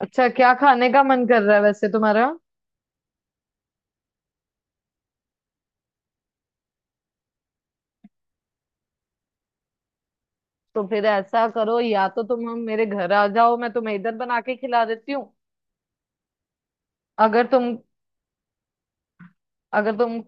अच्छा, क्या खाने का मन कर रहा है वैसे तुम्हारा? तो फिर ऐसा करो, या तो तुम हम मेरे घर आ जाओ, मैं तुम्हें इधर बना के खिला देती हूँ। अगर तुम अगर तुम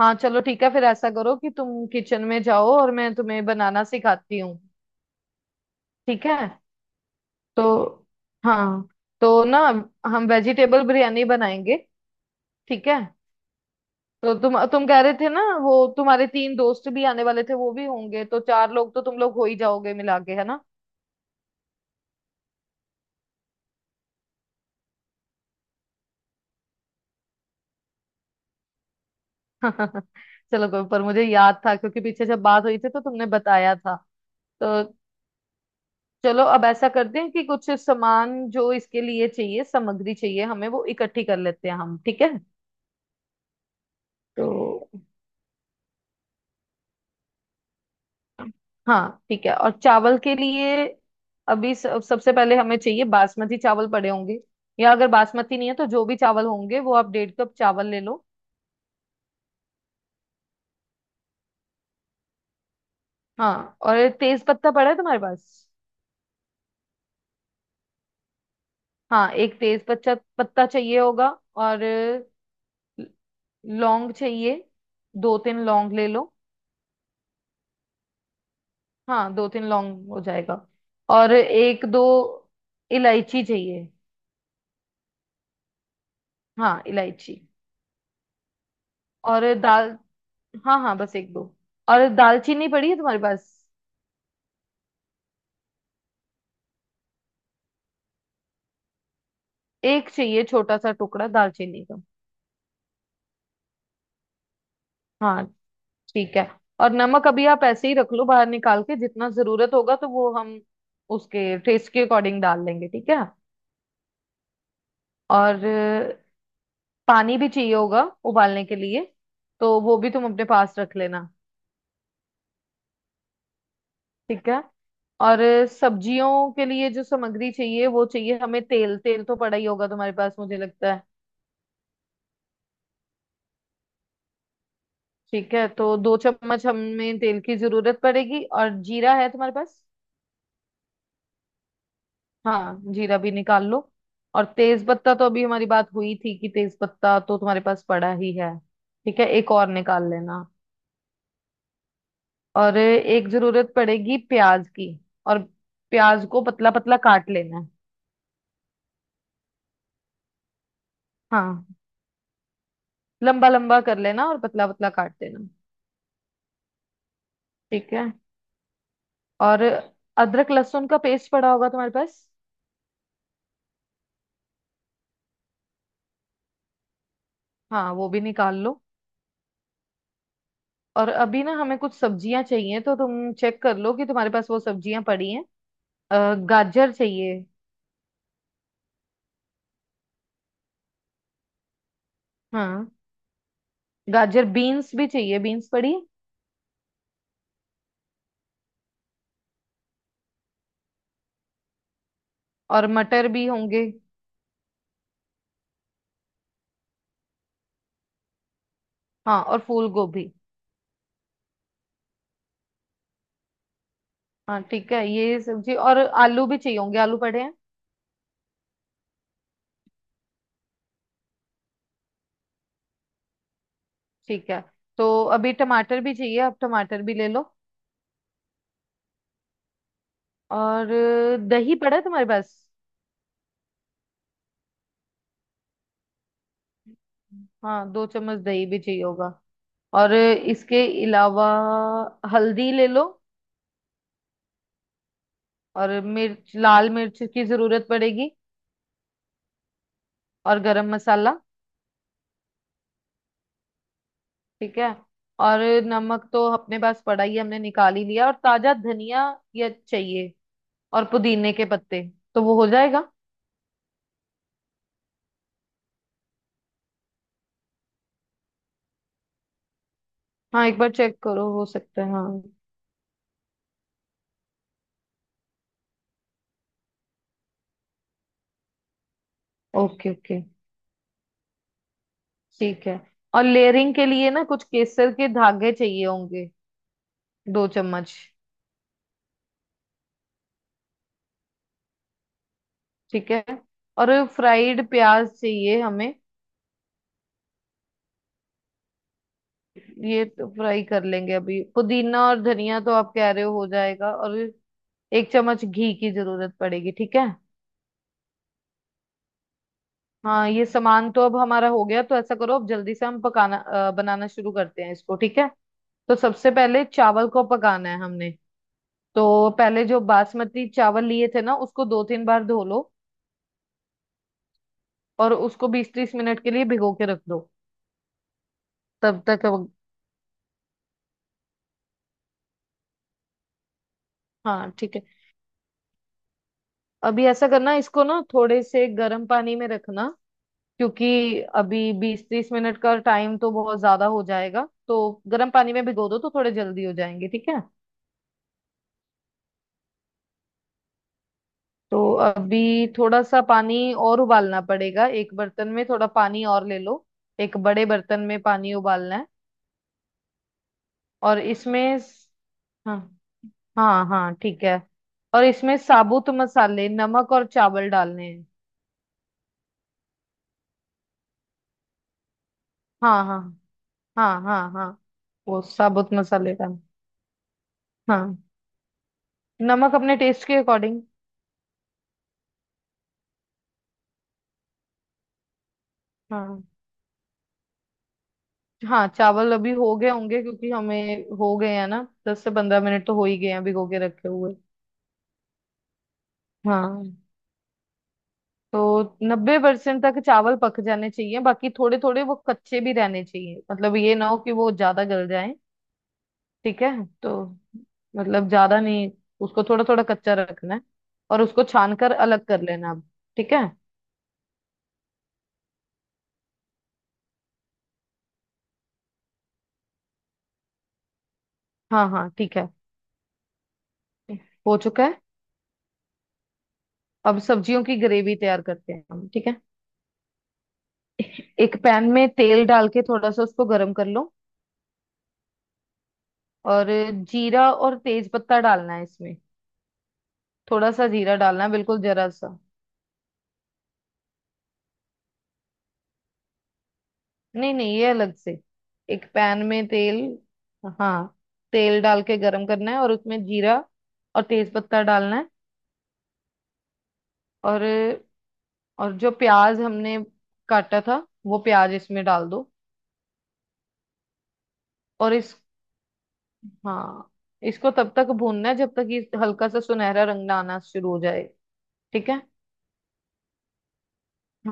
हाँ, चलो ठीक है। फिर ऐसा करो कि तुम किचन में जाओ और मैं तुम्हें बनाना सिखाती हूँ। ठीक है। तो हाँ, तो ना हम वेजिटेबल बिरयानी बनाएंगे। ठीक है। तो तुम कह रहे थे ना, वो तुम्हारे 3 दोस्त भी आने वाले थे, वो भी होंगे, तो 4 लोग तो तुम लोग हो ही जाओगे मिला के, है ना। चलो कोई, पर मुझे याद था क्योंकि पीछे जब बात हुई थी तो तुमने बताया था। तो चलो, अब ऐसा करते हैं कि कुछ सामान जो इसके लिए चाहिए, सामग्री चाहिए हमें, वो इकट्ठी कर लेते हैं हम, ठीक है। तो हाँ, ठीक है। और चावल के लिए अभी सबसे पहले हमें चाहिए बासमती चावल पड़े होंगे। या अगर बासमती नहीं है तो जो भी चावल होंगे, वो आप डेढ़ कप चावल ले लो। हाँ, और तेज पत्ता पड़ा है तुम्हारे पास? हाँ, एक तेज पत्ता पत्ता चाहिए होगा। और लौंग चाहिए। 2-3 लौंग ले लो। हाँ, 2-3 लौंग हो जाएगा। और 1-2 इलायची चाहिए। हाँ, इलायची। और दाल। हाँ हाँ, बस एक दो। और दालचीनी पड़ी है तुम्हारे पास? एक चाहिए, छोटा सा टुकड़ा दालचीनी का। हाँ, ठीक है। और नमक अभी आप ऐसे ही रख लो बाहर निकाल के, जितना जरूरत होगा तो वो हम उसके टेस्ट के अकॉर्डिंग डाल लेंगे, ठीक है। और पानी भी चाहिए होगा उबालने के लिए। तो वो भी तुम अपने पास रख लेना। ठीक है। और सब्जियों के लिए जो सामग्री चाहिए वो चाहिए हमें, तेल। तेल तो पड़ा ही होगा तुम्हारे पास, मुझे लगता है। ठीक है, तो 2 चम्मच हमें तेल की जरूरत पड़ेगी। और जीरा है तुम्हारे पास? हाँ, जीरा भी निकाल लो। और तेज पत्ता तो अभी हमारी बात हुई थी कि तेज पत्ता तो तुम्हारे पास पड़ा ही है। ठीक है, एक और निकाल लेना। और एक जरूरत पड़ेगी प्याज की। और प्याज को पतला पतला काट लेना है। हाँ, लंबा लंबा कर लेना और पतला पतला काट देना। ठीक है। और अदरक लहसुन का पेस्ट पड़ा होगा तुम्हारे पास? हाँ, वो भी निकाल लो। और अभी ना, हमें कुछ सब्जियां चाहिए तो तुम चेक कर लो कि तुम्हारे पास वो सब्जियां पड़ी हैं। गाजर चाहिए। हाँ, गाजर, बीन्स भी चाहिए, बीन्स पड़ी है? और मटर भी होंगे। हाँ, और फूल गोभी। हाँ, ठीक है, ये सब्जी, और आलू भी चाहिए होंगे, आलू पड़े हैं? ठीक है। तो अभी टमाटर भी चाहिए, आप टमाटर भी ले लो। और दही पड़ा है तुम्हारे पास? हाँ, 2 चम्मच दही भी चाहिए होगा। और इसके अलावा, हल्दी ले लो। और मिर्च, लाल मिर्च की जरूरत पड़ेगी। और गरम मसाला। ठीक है। और नमक तो अपने पास पड़ा ही है, हमने निकाल ही लिया। और ताजा धनिया ये चाहिए। और पुदीने के पत्ते, तो वो हो जाएगा। हाँ, एक बार चेक करो, हो सकता है, हाँ। ओके, ओके, ठीक है। और लेयरिंग के लिए ना, कुछ केसर के धागे चाहिए होंगे, 2 चम्मच। ठीक है। और फ्राइड प्याज चाहिए हमें। ये तो फ्राई कर लेंगे अभी, पुदीना और धनिया तो आप कह रहे हो जाएगा। और 1 चम्मच घी की जरूरत पड़ेगी, ठीक है। हाँ, ये सामान तो अब हमारा हो गया, तो ऐसा करो अब जल्दी से हम बनाना शुरू करते हैं इसको, ठीक है। तो सबसे पहले चावल को पकाना है हमने। तो पहले जो बासमती चावल लिए थे ना, उसको 2-3 बार धो लो। और उसको 20-30 मिनट के लिए भिगो के रख दो। तब तक अब, हाँ, ठीक है। अभी ऐसा करना, इसको ना थोड़े से गर्म पानी में रखना। क्योंकि अभी 20-30 मिनट का टाइम तो बहुत ज्यादा हो जाएगा। तो गर्म पानी में भिगो दो, तो थोड़े जल्दी हो जाएंगे, ठीक है। तो अभी थोड़ा सा पानी और उबालना पड़ेगा, एक बर्तन में थोड़ा पानी और ले लो। एक बड़े बर्तन में पानी उबालना है। और इसमें हाँ हाँ हाँ, ठीक है। और इसमें साबुत मसाले, नमक और चावल डालने हैं। हाँ हाँ हाँ, हाँ हाँ, वो साबुत मसाले डाल। हाँ, नमक अपने टेस्ट के अकॉर्डिंग। हाँ हाँ, चावल अभी हो गए होंगे क्योंकि हमें हो गए हैं ना, 10 से 15 मिनट तो हो ही गए हैं भिगो के रखे हुए। हाँ, तो 90% तक चावल पक जाने चाहिए, बाकी थोड़े थोड़े वो कच्चे भी रहने चाहिए, मतलब ये ना हो कि वो ज्यादा गल जाए, ठीक है। तो मतलब ज्यादा नहीं, उसको थोड़ा थोड़ा कच्चा रखना है। और उसको छान कर अलग कर लेना अब, ठीक है। हाँ हाँ, ठीक है। हो चुका है। अब सब्जियों की ग्रेवी तैयार करते हैं हम, ठीक है। एक पैन में तेल डाल के थोड़ा सा उसको गर्म कर लो। और जीरा और तेज पत्ता डालना है इसमें। थोड़ा सा जीरा डालना है, बिल्कुल जरा सा। नहीं नहीं, ये अलग से। एक पैन में तेल, हाँ, तेल डाल के गरम करना है और उसमें जीरा और तेज पत्ता डालना है। और और जो प्याज हमने काटा था वो प्याज इसमें डाल दो। और इस हाँ, इसको तब तक भूनना है जब तक ये हल्का सा सुनहरा रंग ना आना शुरू हो जाए, ठीक है।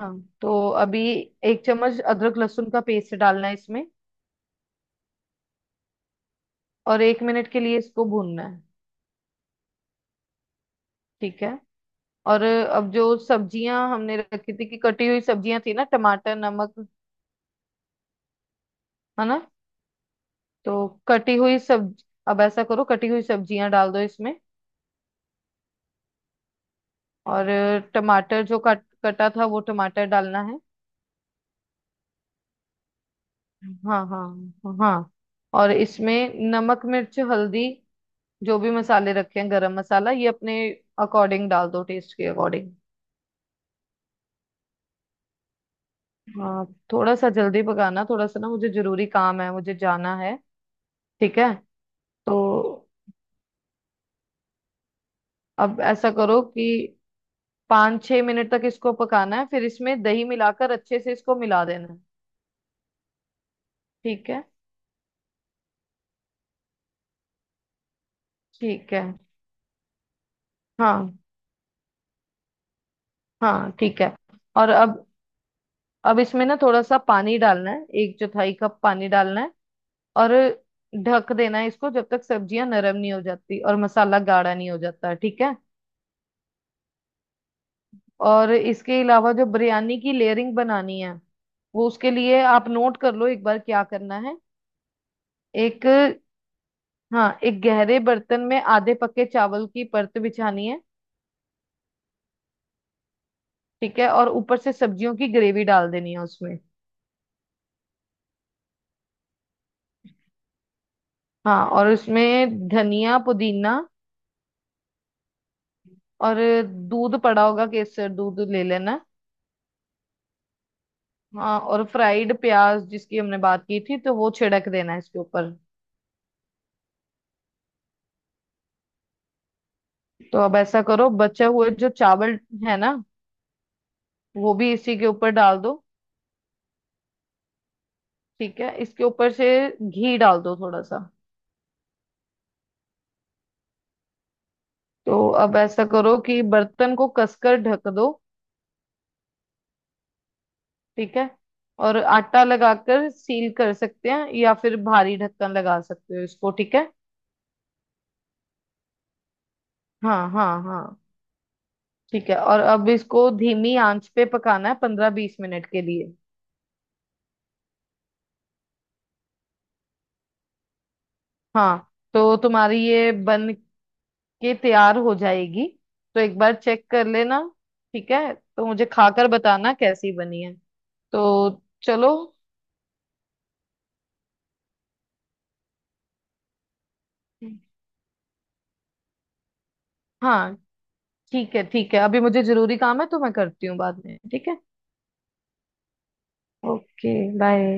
हाँ, तो अभी 1 चम्मच अदरक लहसुन का पेस्ट डालना है इसमें। और 1 मिनट के लिए इसको भूनना है, ठीक है। और अब जो सब्जियां हमने रखी थी कि कटी हुई सब्जियां थी ना, टमाटर, नमक, है ना। तो कटी हुई सब अब ऐसा करो कटी हुई सब्जियां डाल दो इसमें। और टमाटर जो कट कटा था वो टमाटर डालना है। हाँ हाँ हाँ, और इसमें नमक, मिर्च, हल्दी, जो भी मसाले रखे हैं, गरम मसाला, ये अपने अकॉर्डिंग डाल दो, टेस्ट के अकॉर्डिंग। हाँ, थोड़ा सा जल्दी पकाना, थोड़ा सा ना, मुझे जरूरी काम है, मुझे जाना है। ठीक है। तो अब ऐसा करो कि 5-6 मिनट तक इसको पकाना है, फिर इसमें दही मिलाकर अच्छे से इसको मिला देना है, ठीक है। ठीक है, हाँ हाँ, ठीक है। और अब इसमें ना थोड़ा सा पानी डालना है, 1/4 कप पानी डालना है। और ढक देना है इसको जब तक सब्जियां नरम नहीं हो जाती और मसाला गाढ़ा नहीं हो जाता, ठीक है। और इसके अलावा जो बिरयानी की लेयरिंग बनानी है, वो उसके लिए आप नोट कर लो एक बार क्या करना है। एक, हाँ, एक गहरे बर्तन में आधे पके चावल की परत बिछानी है। ठीक है, और ऊपर से सब्जियों की ग्रेवी डाल देनी है उसमें। हाँ, और उसमें धनिया, पुदीना, और दूध पड़ा होगा, केसर दूध ले लेना। हाँ, और फ्राइड प्याज जिसकी हमने बात की थी, तो वो छिड़क देना है इसके ऊपर। तो अब ऐसा करो, बचे हुए जो चावल है ना, वो भी इसी के ऊपर डाल दो। ठीक है, इसके ऊपर से घी डाल दो थोड़ा सा। तो अब ऐसा करो कि बर्तन को कसकर ढक दो, ठीक है। और आटा लगाकर सील कर सकते हैं या फिर भारी ढक्कन लगा सकते हो इसको, ठीक है। हाँ हाँ हाँ, ठीक है। और अब इसको धीमी आंच पे पकाना है, 15-20 मिनट के लिए। हाँ, तो तुम्हारी ये बन के तैयार हो जाएगी। तो एक बार चेक कर लेना। ठीक है, तो मुझे खाकर बताना कैसी बनी है। तो चलो। हाँ, ठीक है ठीक है, अभी मुझे जरूरी काम है तो मैं करती हूँ बाद में, ठीक है। Okay, bye.